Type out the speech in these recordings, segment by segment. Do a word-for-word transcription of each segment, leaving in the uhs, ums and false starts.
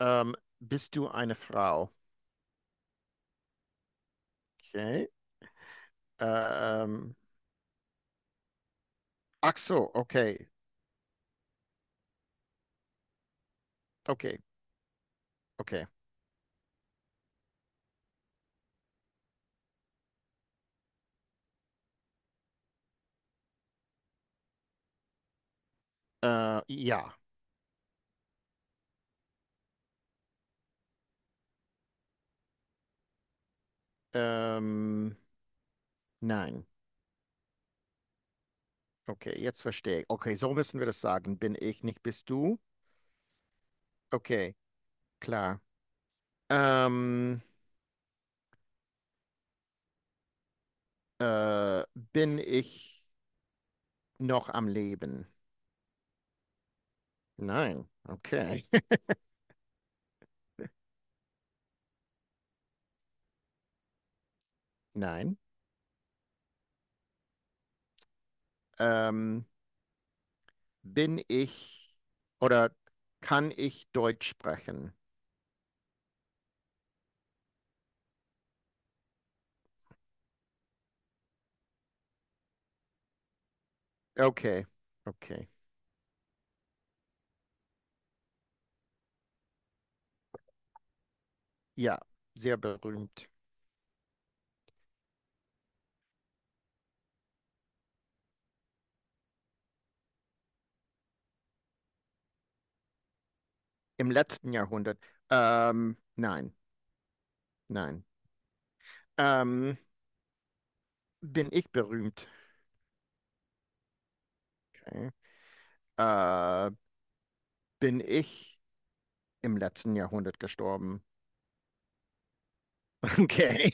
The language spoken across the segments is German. Ähm, Bist du eine Frau? Okay. Ähm, ach so, okay. Okay, okay. Äh, ja. Ähm, nein. Okay, jetzt verstehe ich. Okay, so müssen wir das sagen. Bin ich nicht, bist du? Okay, klar. Ähm, äh, Bin ich noch am Leben? Nein. Okay. Nein. Ähm, Bin ich oder kann ich Deutsch sprechen? Okay, okay. Ja, sehr berühmt. Im letzten Jahrhundert. Ähm, nein, nein. Ähm, Bin ich berühmt? Okay. Äh, bin ich im letzten Jahrhundert gestorben? Okay.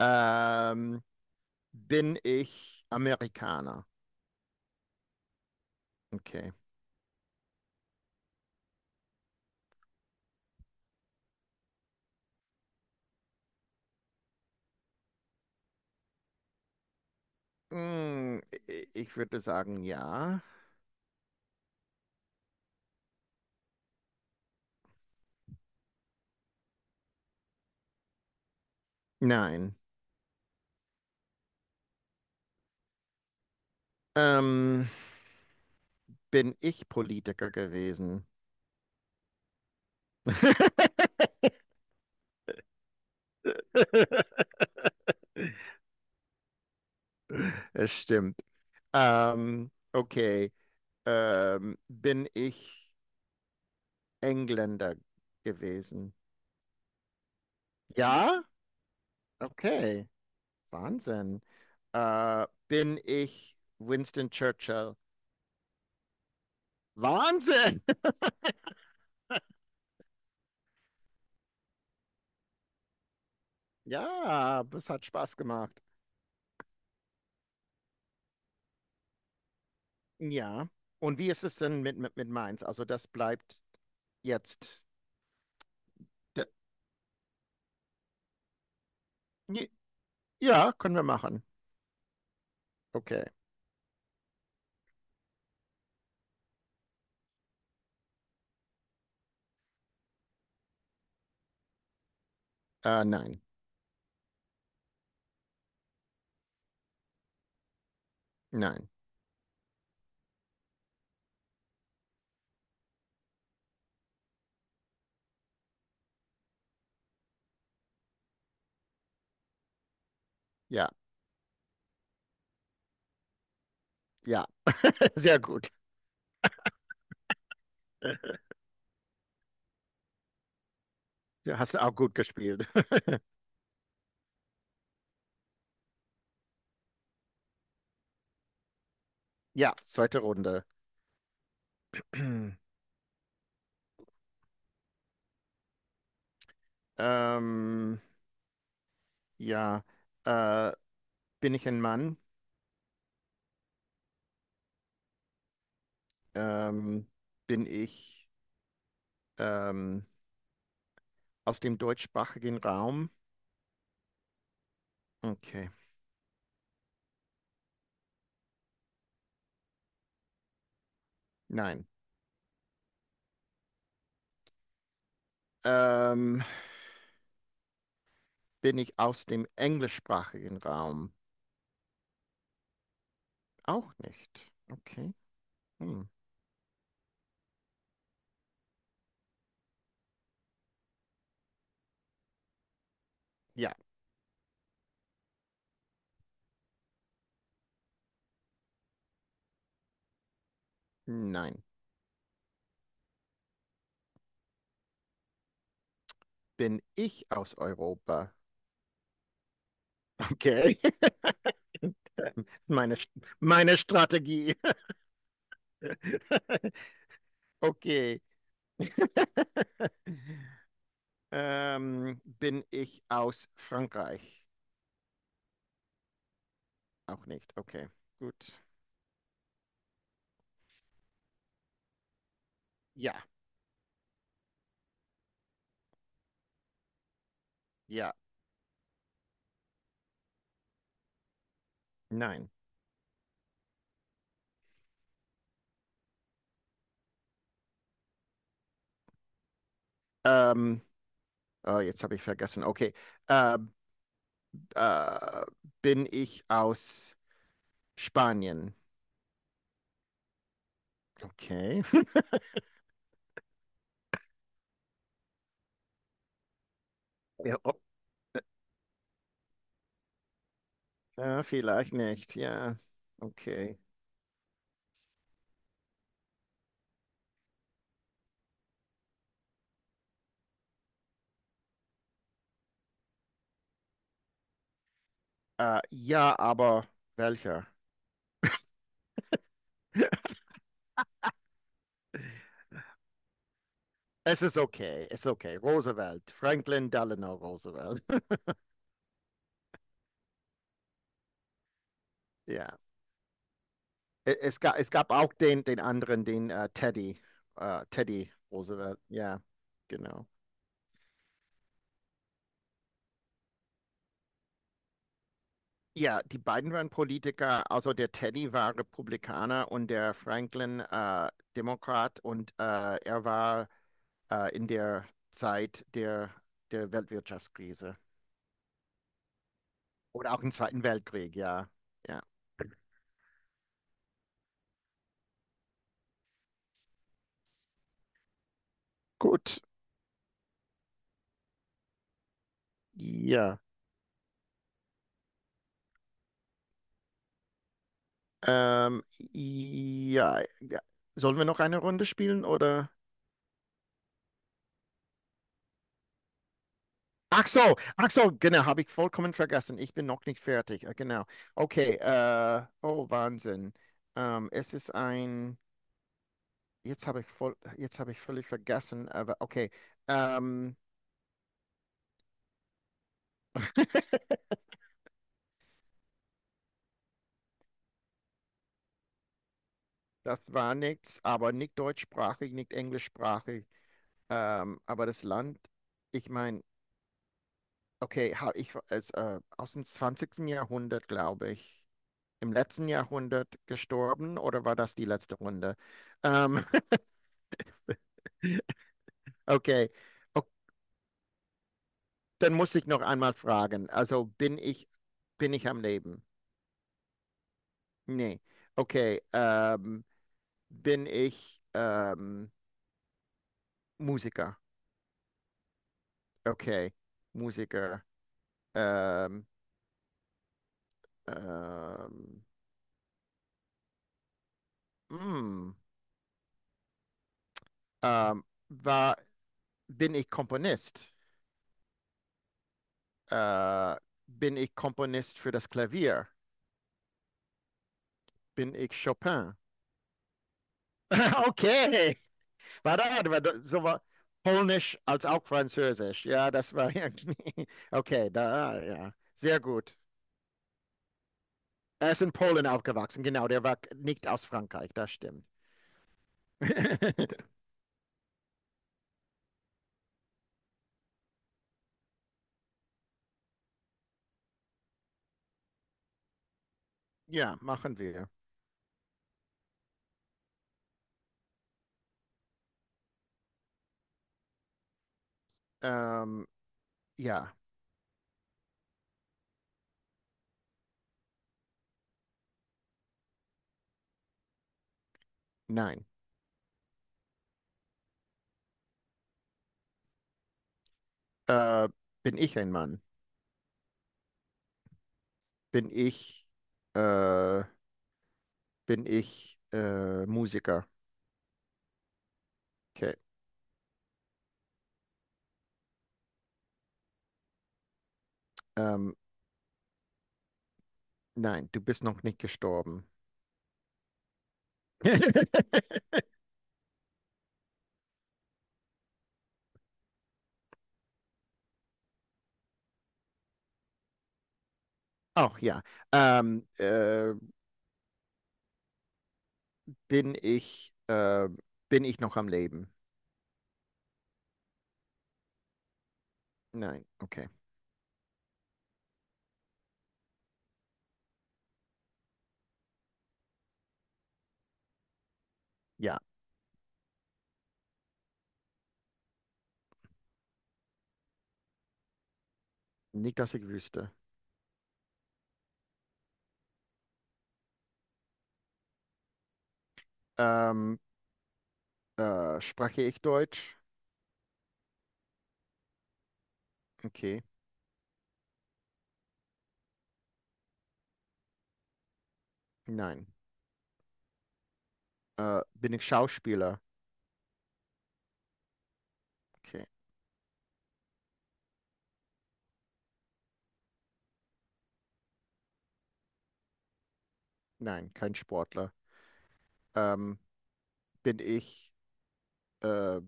Ähm, Bin ich Amerikaner? Okay. Mm, i- ich würde sagen, ja. Nein. Ähm, Bin ich Politiker gewesen? Es stimmt. Ähm, okay. Ähm, bin ich Engländer gewesen. Ja, okay. Wahnsinn. Äh, bin ich Winston Churchill. Wahnsinn! Ja, das hat Spaß gemacht. Ja. Und wie ist es denn mit, mit, mit Mainz? Also das bleibt jetzt. D- j- Ja, können wir machen. Okay. Äh, nein, nein. Ja, ja. Sehr gut. Du hast du auch gut gespielt. Ja, zweite Runde. Ähm, Ja, äh, bin ich ein Mann? Ähm, bin ich ähm, aus dem deutschsprachigen Raum? Okay, nein. Ähm, Bin ich aus dem englischsprachigen Raum? Auch nicht. Okay. Hm. Ja, nein. Bin ich aus Europa? Okay. Meine, meine Strategie. Okay. Ähm, bin ich aus Frankreich? Auch nicht. Okay, gut. Ja. Ja, nein. Ähm, oh, jetzt habe ich vergessen. Okay. Äh, äh, Bin ich aus Spanien? Okay. Ja, ob- ja, vielleicht nicht. Ja, okay. Äh, ja, aber welcher? Es ist okay, es ist okay. Roosevelt, Franklin Delano Roosevelt. Ja, E- es gab, es gab auch den, den anderen, den äh, Teddy, äh, Teddy Roosevelt. Ja, genau. Ja, die beiden waren Politiker, also der Teddy war Republikaner und der Franklin äh, Demokrat und äh, er war äh, in der Zeit der, der Weltwirtschaftskrise oder auch im Zweiten Weltkrieg, ja. Ja, gut, ja. Ähm, ja, ja. Sollen wir noch eine Runde spielen oder? Ach so, ach so, genau, habe ich vollkommen vergessen. Ich bin noch nicht fertig, äh, genau. Okay, äh, oh Wahnsinn. Ähm, es ist ein. Jetzt habe ich voll, jetzt habe ich völlig vergessen, aber okay. Ähm, Das war nichts, aber nicht deutschsprachig, nicht englischsprachig. Ähm, aber das Land, ich meine, okay, ha- ich ist äh, aus dem zwanzigsten Jahrhundert, glaube ich, im letzten Jahrhundert gestorben oder war das die letzte Runde? Ähm, okay. Ok, dann muss ich noch einmal fragen. Also bin ich, bin ich am Leben? Nee. Okay. Ähm, bin ich ähm, Musiker. Okay. Musiker. Ähm, ähm, mm, ähm, war, Bin ich Komponist? Äh, bin ich Komponist für das Klavier? Bin ich Chopin? Okay. War da, war da so war Polnisch als auch Französisch. Ja, das war irgendwie. Okay, da, ja. Sehr gut. Er ist in Polen aufgewachsen. Genau, der war nicht aus Frankreich. Das stimmt. Ja, machen wir. Ähm, ja. Nein. Äh, bin ich ein Mann? Bin ich, äh, Bin ich äh, Musiker? Okay. Ähm, nein, du bist noch nicht gestorben. Auch ja. Ähm, äh, bin ich, äh, Bin ich noch am Leben? Nein, okay. Ja, nicht, dass ich wüsste. Ähm, äh, Spreche ich Deutsch? Okay, nein. Äh, bin ich Schauspieler? Okay, nein, kein Sportler. Ähm, bin ich, äh,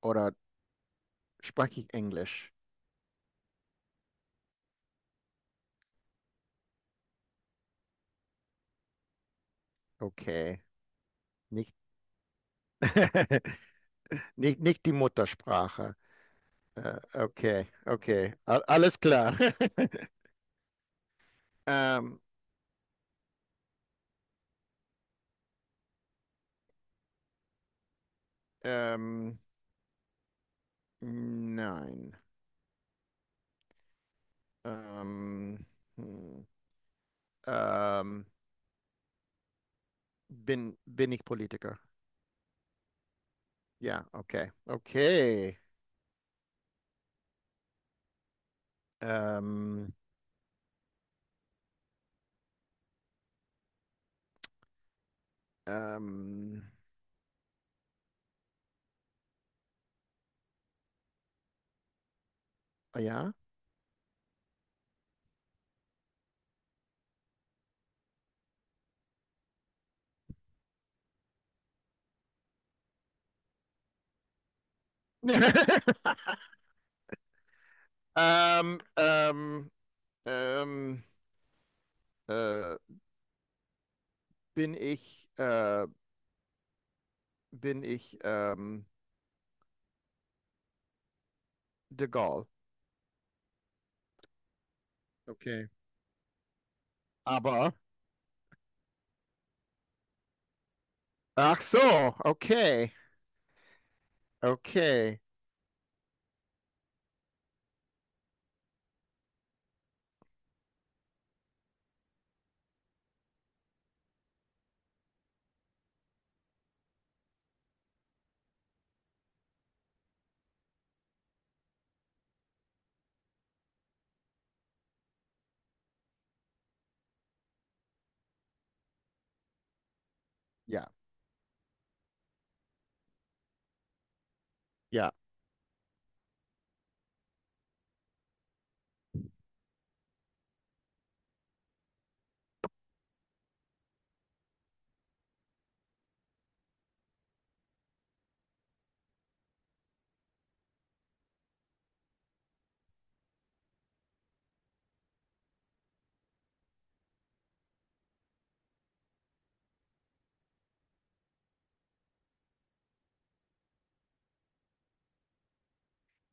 oder sprach ich Englisch. Okay, nicht, nicht, nicht die Muttersprache. Äh, okay, okay, A alles klar. ähm, ähm, nein. Ähm, hm, ähm, bin, Bin ich Politiker? Ja, okay, okay. Ähm, ähm, ja. Ähm, ähm, ähm, äh, bin ich äh, Bin ich ähm, de Gaulle. Okay. Aber, ach so, okay, okay. Ja, ja,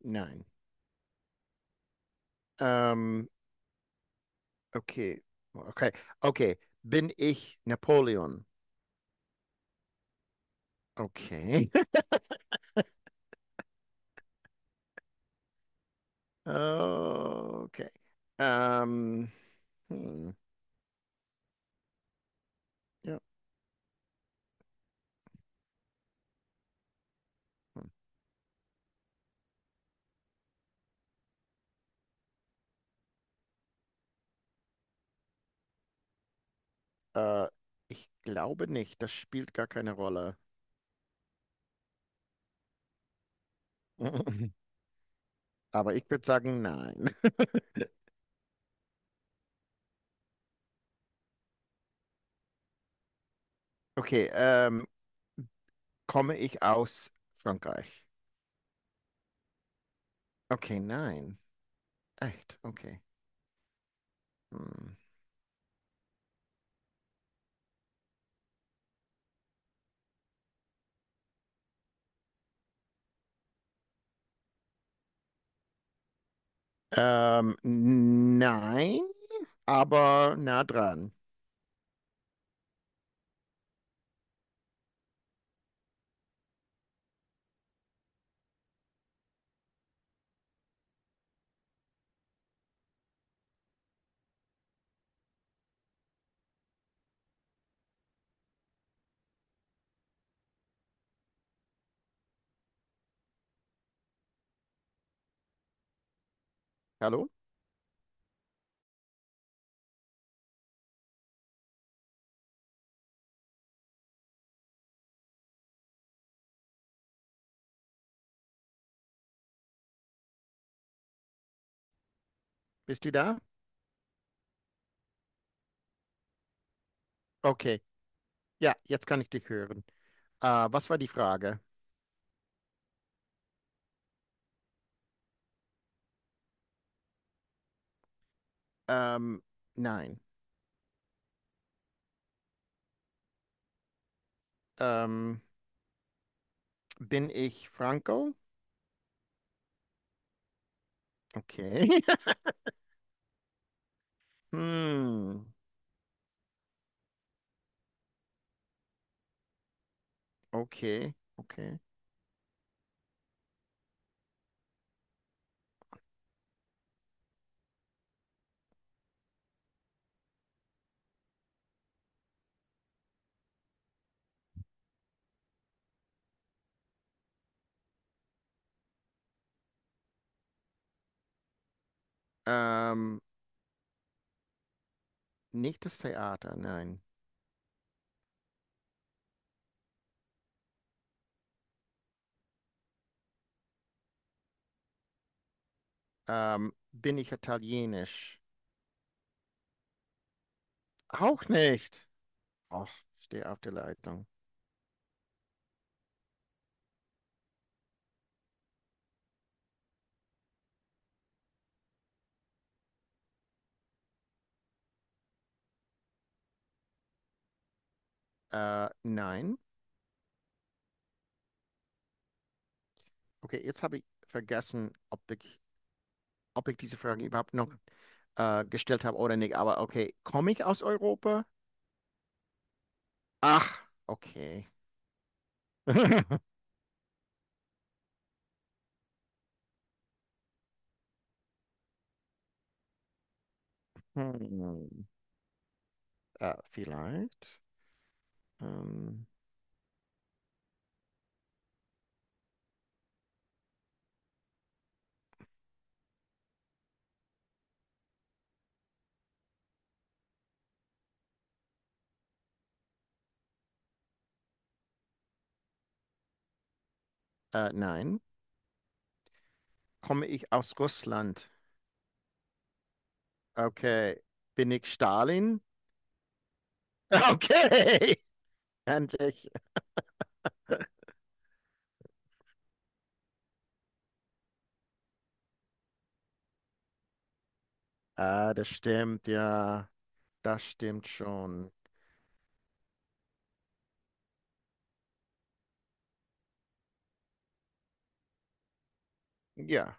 nein. Ähm, okay, okay, okay. Bin ich Napoleon? Okay. Okay. Ähm, hm, ja. Hm. Äh, ich glaube nicht. Das spielt gar keine Rolle. Aber ich würde sagen, nein. Okay, ähm, komme ich aus Frankreich? Okay, nein. Echt? Okay. Hm. Ähm, nein, aber nah dran. Hallo? Bist du da? Okay. Ja, jetzt kann ich dich hören. Äh, was war die Frage? Ähm, nein. Ähm, Bin ich Franco? Okay. Hm. Okay. Okay. Ähm, Nicht das Theater, nein. Ähm, bin ich italienisch? Auch nicht. Och, stehe auf der Leitung. Äh, nein. Okay, jetzt habe ich vergessen, ob ich, ob ich diese Frage überhaupt noch äh, gestellt habe oder nicht. Aber okay, komme ich aus Europa? Ach, okay. Hm. Äh, vielleicht. Ähm, äh, nein. Komme ich aus Russland? Okay. Bin ich Stalin? Okay. Endlich. Ah, das stimmt, ja. Das stimmt schon. Ja.